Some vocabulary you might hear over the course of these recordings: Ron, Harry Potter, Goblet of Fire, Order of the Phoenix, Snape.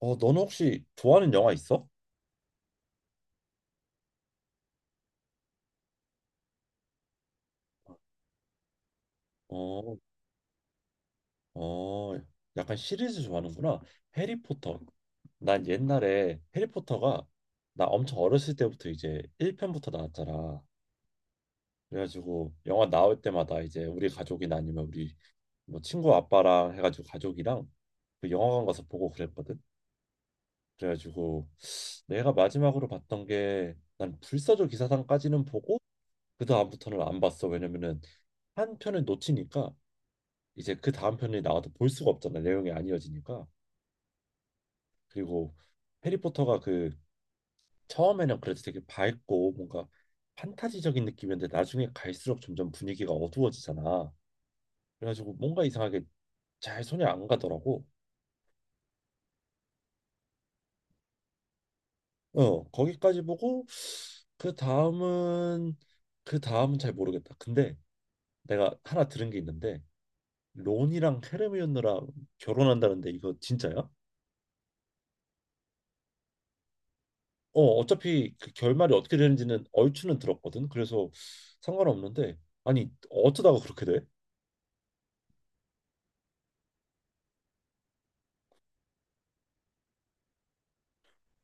어, 너는 혹시 좋아하는 영화 있어? 어, 어, 약간 시리즈 좋아하는구나. 해리포터. 난 옛날에 해리포터가 나 엄청 어렸을 때부터 이제 1편부터 나왔잖아. 그래가지고 영화 나올 때마다 이제 우리 가족이나 아니면 우리 뭐 친구 아빠랑 해가지고 가족이랑 그 영화관 가서 보고 그랬거든. 그래가지고 내가 마지막으로 봤던 게 난 불사조 기사단까지는 보고 그 다음부터는 안 봤어. 왜냐면은 한 편을 놓치니까 이제 그 다음 편이 나와도 볼 수가 없잖아, 내용이 안 이어지니까. 그리고 해리포터가 그 처음에는 그래도 되게 밝고 뭔가 판타지적인 느낌이었는데 나중에 갈수록 점점 분위기가 어두워지잖아. 그래가지고 뭔가 이상하게 잘 손이 안 가더라고. 어, 거기까지 보고 그 다음은 그 다음은 잘 모르겠다. 근데 내가 하나 들은 게 있는데 론이랑 헤르미온느랑 결혼한다는데 이거 진짜야? 어, 어차피 그 결말이 어떻게 되는지는 얼추는 들었거든. 그래서 상관없는데 아니, 어쩌다가 그렇게 돼?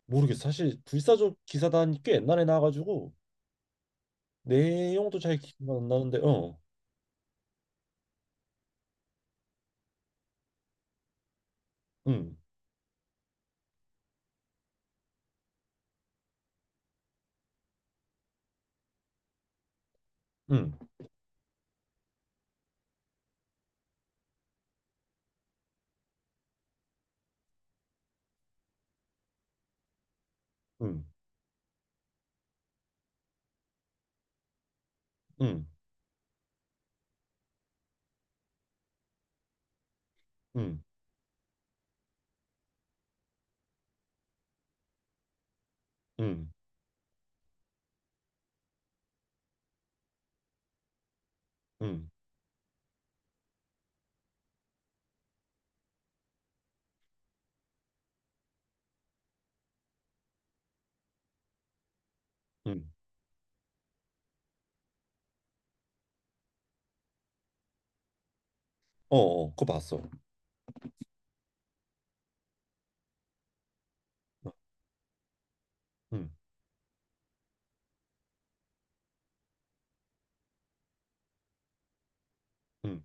모르겠어. 사실 불사조 기사단이 꽤 옛날에 나와가지고 내용도 잘 기억 안 나는데, 어, 응, 응, 응, 응, 응, 응, 응, 응, 어, 어, 그거 봤어. 응, 응.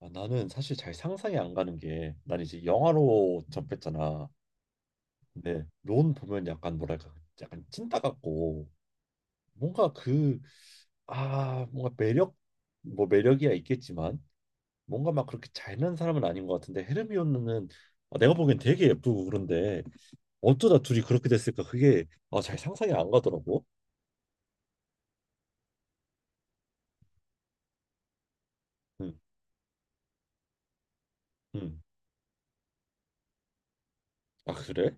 아, 나는 사실 잘 상상이 안 가는 게 난 이제 영화로 접했잖아. 근데 론 보면 약간 뭐랄까, 약간 찐따 같고 뭔가 그 아 뭔가 매력, 뭐 매력이야 있겠지만 뭔가 막 그렇게 잘난 사람은 아닌 것 같은데 헤르미온느는 아, 내가 보기엔 되게 예쁘고 그런데 어쩌다 둘이 그렇게 됐을까, 그게 아, 잘 상상이 안 가더라고. 응, 응. 아, 그래?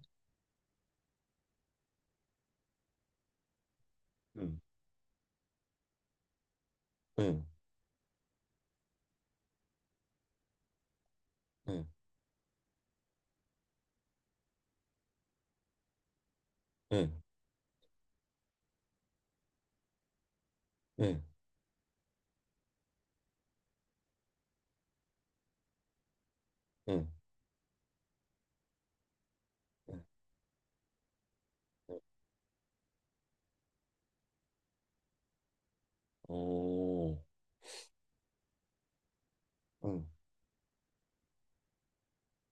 응, 응, 응, 응, 응, 응, 응, 응. 오, 응,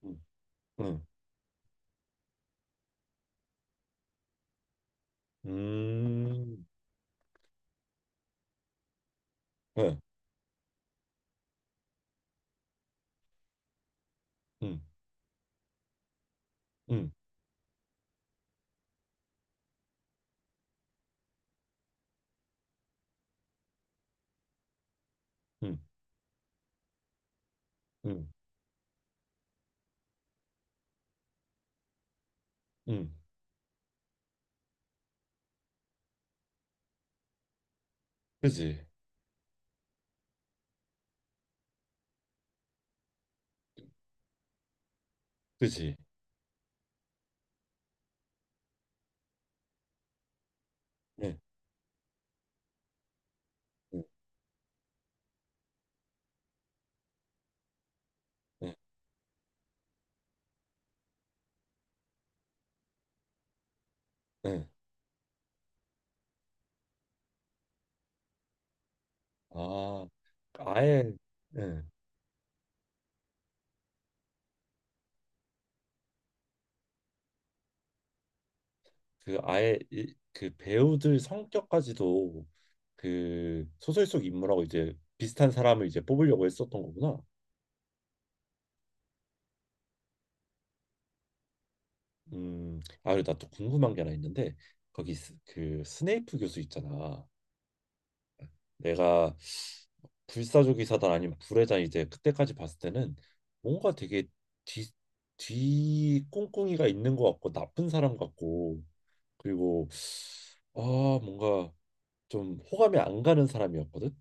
응, 응, 음, 응, 응, 응, 응, 응, 응. 그지, 그지, 응, 응, 응, 응. 아, 아예 예, 그 아예 이, 그 배우들 성격까지도 그 소설 속 인물하고 이제 비슷한 사람을 이제 뽑으려고 했었던 거구나. 아, 그리고 나또 궁금한 게 하나 있는데 거기 그 스네이프 교수 있잖아. 내가 불사조기 사단 아니면 불의 잔 이제 그때까지 봤을 때는 뭔가 되게 뒤 뒤 꿍꿍이가 있는 것 같고 나쁜 사람 같고, 그리고 아 뭔가 좀 호감이 안 가는 사람이었거든.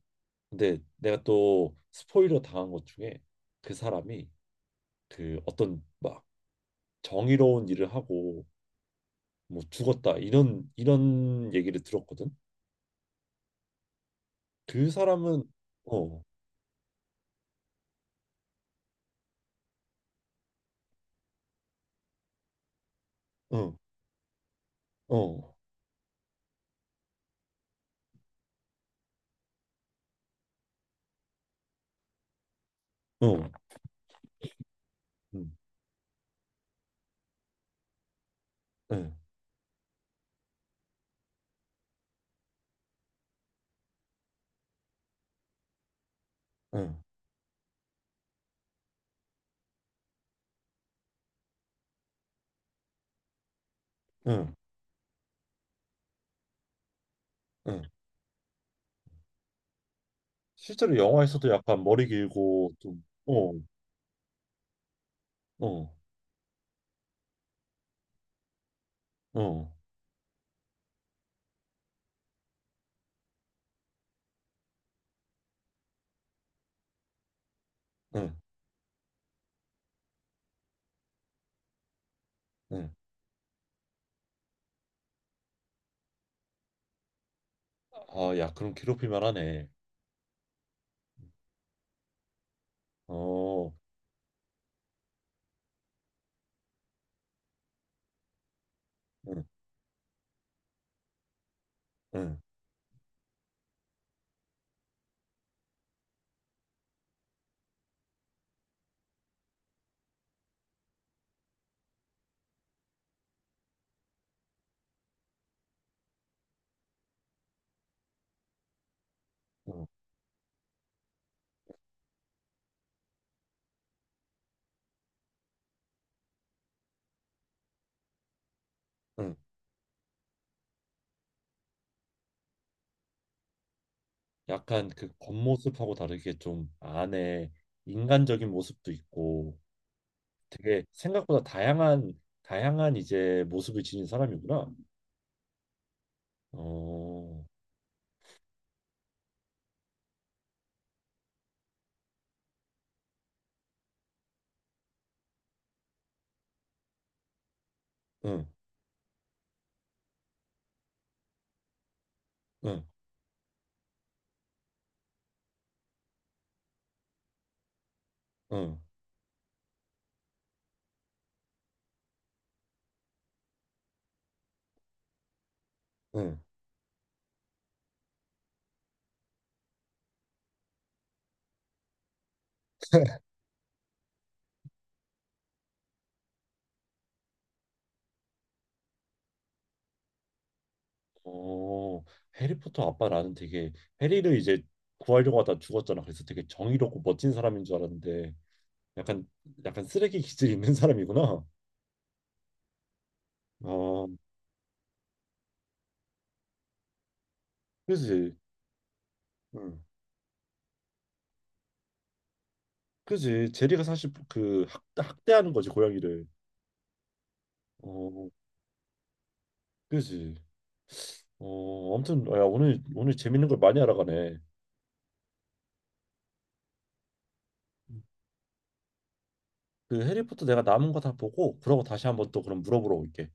근데 내가 또 스포일러 당한 것 중에 그 사람이 그 어떤 막 정의로운 일을 하고 뭐 죽었다 이런 얘기를 들었거든. 그 사람은 어, 어, 어, 어, 응, 응, 응, 응, 응. 실제로 영화에서도 약간 머리 길고 좀 어, 어, 어, 응, 응. 아, 야, 그럼 괴롭힐 만하네. 어, 응, 응, 응. 응. 약간 그 겉모습하고 다르게 좀 안에 인간적인 모습도 있고 되게 생각보다 다양한 이제 모습을 지닌 사람이구나. 어, 응, 응, 응, 응. 어, 해리포터 아빠 나는 되게 해리를 이제 구하려고 하다 죽었잖아. 그래서 되게 정의롭고 멋진 사람인 줄 알았는데 약간, 약간 쓰레기 기질 있는 사람이구나. 어, 그지. 응. 그지. 제리가 사실 그 학대하는 거지, 고양이를. 어, 그지. 어, 아무튼, 야, 오늘 재밌는 걸 많이 알아가네. 그 해리포터 내가 남은 거 다 보고 그러고 다시 한번 또 그럼 물어보러 올게.